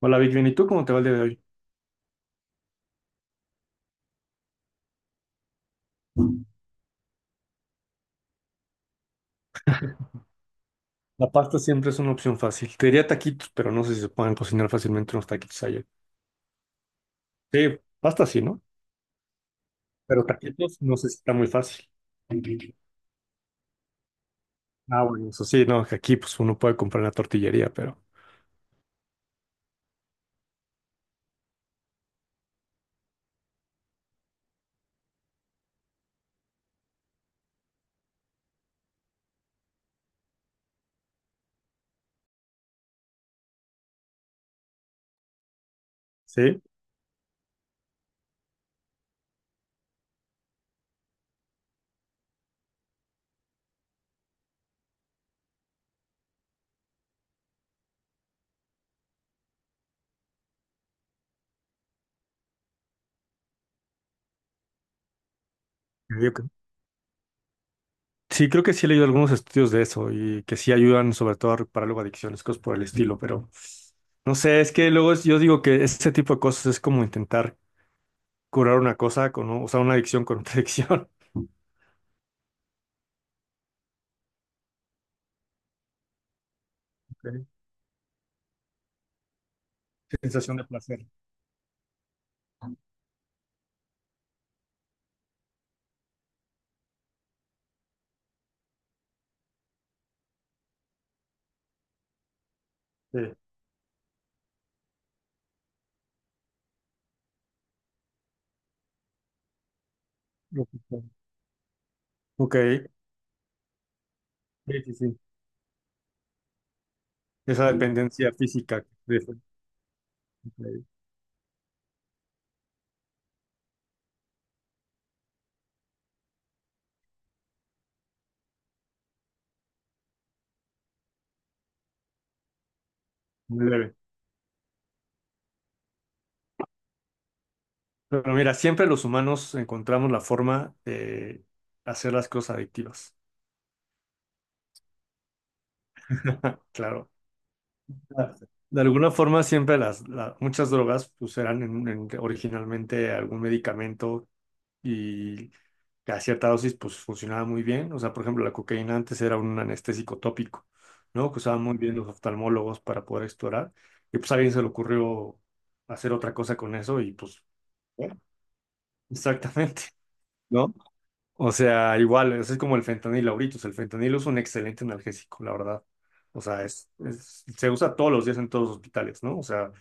Hola, Big Ben, ¿y tú cómo te va el día de hoy? La pasta siempre es una opción fácil. Te diría taquitos, pero no sé si se pueden cocinar fácilmente unos taquitos allá. Sí, pasta sí, ¿no? Pero taquitos no sé si está muy fácil. Ah, bueno, eso sí, no, que aquí pues uno puede comprar en la tortillería, pero sí. Yo digo que- Sí, creo que sí he leído algunos estudios de eso y que sí ayudan sobre todo a reparar luego adicciones, cosas por el estilo, pero no sé, es que luego yo digo que ese tipo de cosas es como intentar curar una cosa con, o sea, una adicción con otra adicción. Ok. Sensación de placer. Sí. Ok, sí, sí, sí. Esa dependencia física, de- muy leve. Pero mira, siempre los humanos encontramos la forma de hacer las cosas adictivas. Claro. De alguna forma, siempre muchas drogas pues, eran originalmente algún medicamento y a cierta dosis pues funcionaba muy bien. O sea, por ejemplo, la cocaína antes era un anestésico tópico, ¿no? Que usaban muy bien los oftalmólogos para poder explorar. Y pues a alguien se le ocurrió hacer otra cosa con eso y pues bueno, exactamente, ¿no? O sea, igual, eso es como el fentanilo ahorita. O sea, el fentanilo es un excelente analgésico, la verdad. O sea, se usa todos los días en todos los hospitales, ¿no? O sea,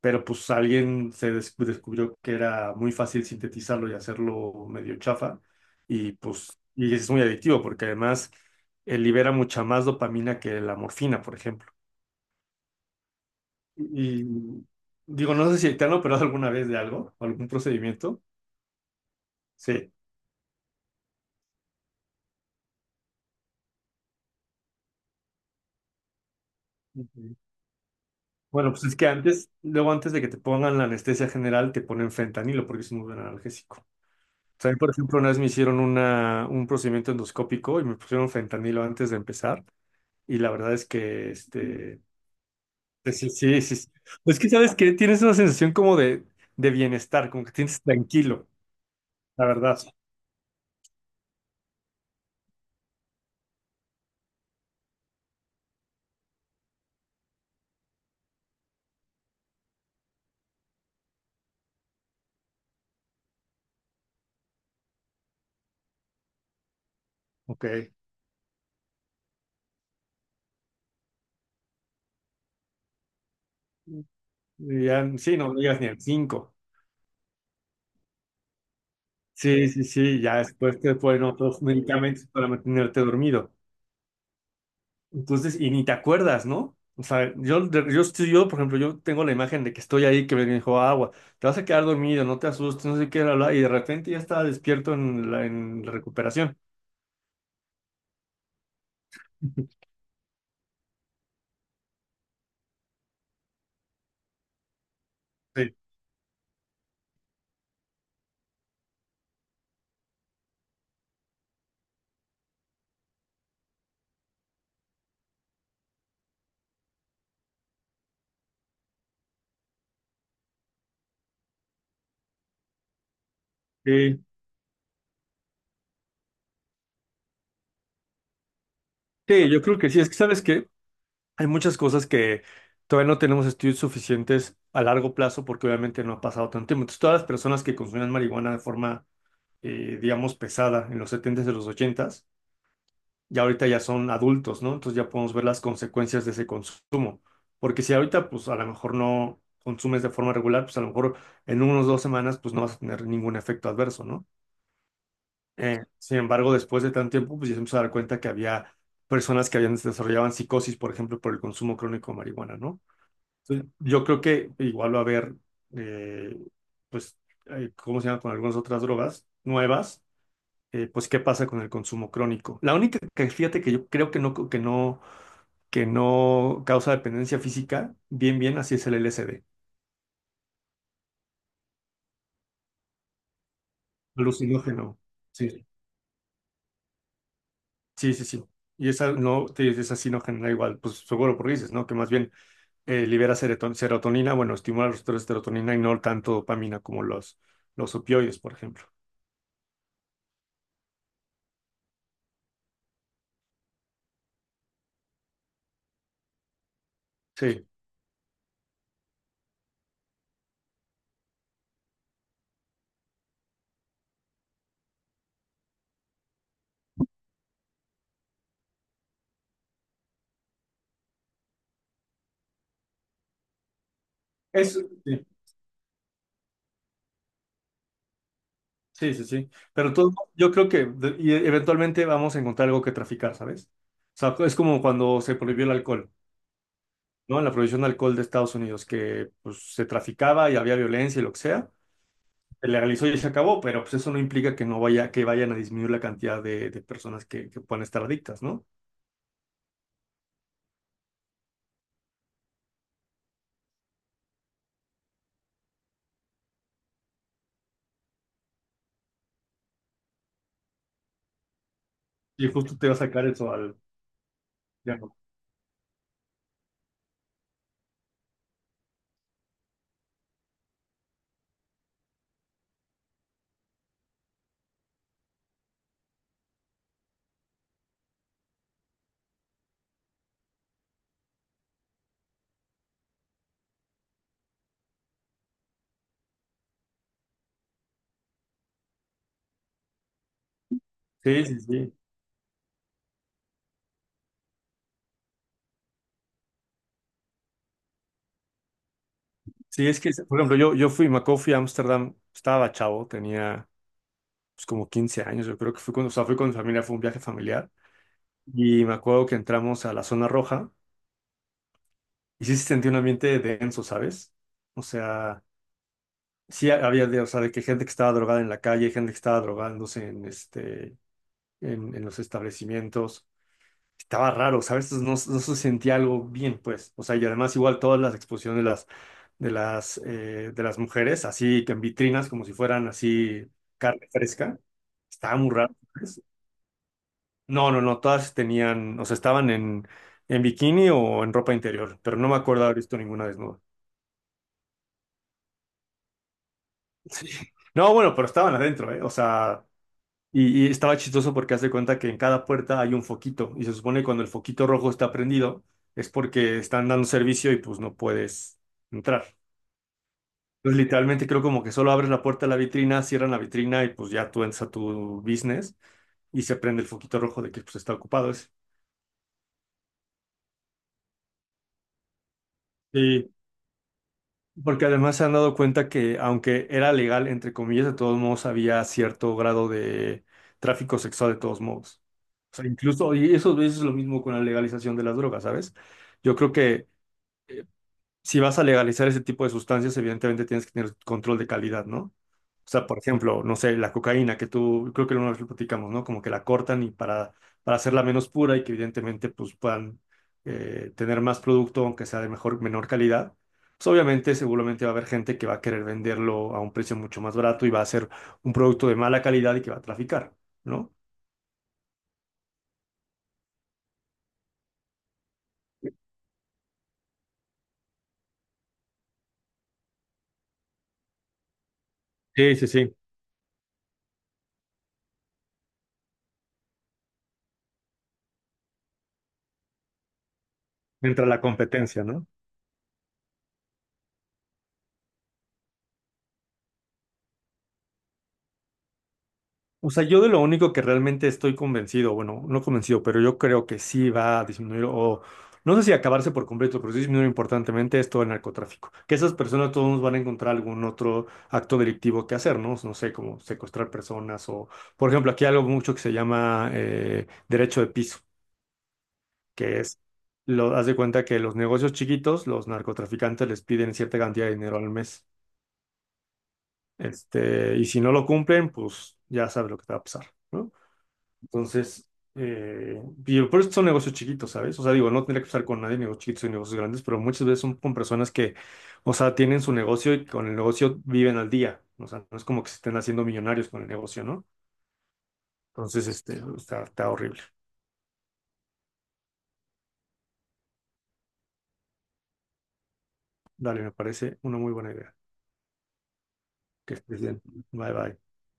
pero pues alguien se descubrió que era muy fácil sintetizarlo y hacerlo medio chafa y pues y es muy adictivo porque además libera mucha más dopamina que la morfina, por ejemplo. Y digo, no sé si te han operado alguna vez de algo, o algún procedimiento. Sí. Ujú. Bueno, pues es que antes, luego antes de que te pongan la anestesia general, te ponen fentanilo porque es un buen analgésico. También, por ejemplo, una vez me hicieron un procedimiento endoscópico y me pusieron fentanilo antes de empezar. Y la verdad es que, este, pues sí, sí, sí, sí. Pues que sabes que tienes una sensación como de bienestar, como que tienes tranquilo, la verdad. Ok. Y ya, sí, no llegas ni al cinco. Sí, sí, sí, ya después te ponen otros medicamentos para mantenerte dormido. Entonces, y ni te acuerdas, ¿no? O sea, yo, por ejemplo, yo tengo la imagen de que estoy ahí, que me dijo agua, te vas a quedar dormido, no te asustes, no sé qué, bla, bla", y de repente ya estaba despierto en la recuperación. Sí, sí, sí, yo creo que sí. Es que sabes que hay muchas cosas que todavía no tenemos estudios suficientes a largo plazo porque obviamente no ha pasado tanto tiempo. Entonces, todas las personas que consumían marihuana de forma, digamos, pesada en los setentas s y los ochentas, ya ahorita ya son adultos, ¿no? Entonces ya podemos ver las consecuencias de ese consumo. Porque si ahorita, pues a lo mejor no consumes de forma regular, pues a lo mejor en unos 2 semanas, pues no vas a tener ningún efecto adverso, ¿no? Sin embargo, después de tanto tiempo, pues ya se empezó a dar cuenta que había personas que habían desarrollaban psicosis, por ejemplo, por el consumo crónico de marihuana, ¿no? Entonces, yo creo que igual va a haber, eh, pues, ¿cómo se llama? Con algunas otras drogas nuevas, pues, ¿qué pasa con el consumo crónico? La única que, fíjate que yo creo que no causa dependencia física, bien, bien, así es el LSD, alucinógeno. Sí, sí, sí, sí, sí. Y esa no, te dices, esa sí no genera igual, pues seguro porque dices, ¿no? Que más bien libera serotonina, bueno, estimula los receptores de serotonina y no tanto dopamina como los opioides, por ejemplo. Sí, eso, sí, sí, sí, sí. Pero todo, yo creo que y eventualmente vamos a encontrar algo que traficar, ¿sabes? O sea, es como cuando se prohibió el alcohol, ¿no? La prohibición de alcohol de Estados Unidos, que pues se traficaba y había violencia y lo que sea. Se legalizó y se acabó, pero pues eso no implica que no vaya, que vayan a disminuir la cantidad de personas que puedan estar adictas, ¿no? Y justo te va a sacar eso al... ya no. Sí, sí, sí. Sí, es que, por ejemplo, yo fui, me acuerdo, fui a Ámsterdam, estaba chavo, tenía pues, como 15 años, yo creo que fui cuando, o sea, fui con mi familia, fue un viaje familiar, y me acuerdo que entramos a la zona roja, y sí se sentía un ambiente denso, ¿sabes? O sea, sí había, de, o sea, de que gente que estaba drogada en la calle, gente que estaba drogándose en, este, en los establecimientos, estaba raro, ¿sabes? No, no se sentía algo bien, pues. O sea, y además igual todas las exposiciones de las mujeres, así que en vitrinas, como si fueran así carne fresca, estaba muy raro, ¿sabes? No, no, no, todas tenían, o sea, estaban en bikini o en ropa interior, pero no me acuerdo haber visto ninguna desnuda. Sí. No, bueno, pero estaban adentro, ¿eh? O sea, Y estaba chistoso porque hace cuenta que en cada puerta hay un foquito y se supone que cuando el foquito rojo está prendido es porque están dando servicio y pues no puedes entrar. Entonces literalmente creo como que solo abres la puerta de la vitrina, cierran la vitrina y pues ya tú entras a tu business y se prende el foquito rojo de que pues está ocupado ese. Sí, porque además se han dado cuenta que aunque era legal, entre comillas, de todos modos había cierto grado de tráfico sexual de todos modos. O sea, incluso, y eso es lo mismo con la legalización de las drogas, ¿sabes? Yo creo que eh, si vas a legalizar ese tipo de sustancias, evidentemente tienes que tener control de calidad, ¿no? O sea, por ejemplo, no sé, la cocaína, que tú, creo que una vez lo platicamos, ¿no? Como que la cortan y para hacerla menos pura y que evidentemente pues puedan tener más producto, aunque sea de mejor, menor calidad. Pues obviamente, seguramente va a haber gente que va a querer venderlo a un precio mucho más barato y va a ser un producto de mala calidad y que va a traficar, ¿no? Sí, sí, sí. Entra la competencia, ¿no? O sea, yo de lo único que realmente estoy convencido, bueno, no convencido, pero yo creo que sí va a disminuir o no sé si acabarse por completo, pero sí disminuir importantemente es todo el narcotráfico. Que esas personas todos van a encontrar algún otro acto delictivo que hacer, ¿no? No sé, como secuestrar personas o, por ejemplo, aquí hay algo mucho que se llama derecho de piso, que es, haz de cuenta que los negocios chiquitos, los narcotraficantes les piden cierta cantidad de dinero al mes. Este, y si no lo cumplen, pues ya sabes lo que te va a pasar, ¿no? Entonces, eh, y por eso son negocios chiquitos, ¿sabes? O sea, digo, no tendría que estar con nadie, negocios chiquitos y negocios grandes, pero muchas veces son con personas que, o sea, tienen su negocio y con el negocio viven al día. O sea, no es como que se estén haciendo millonarios con el negocio, ¿no? Entonces, este, está horrible. Dale, me parece una muy buena idea. Que estés bien. Bye, bye.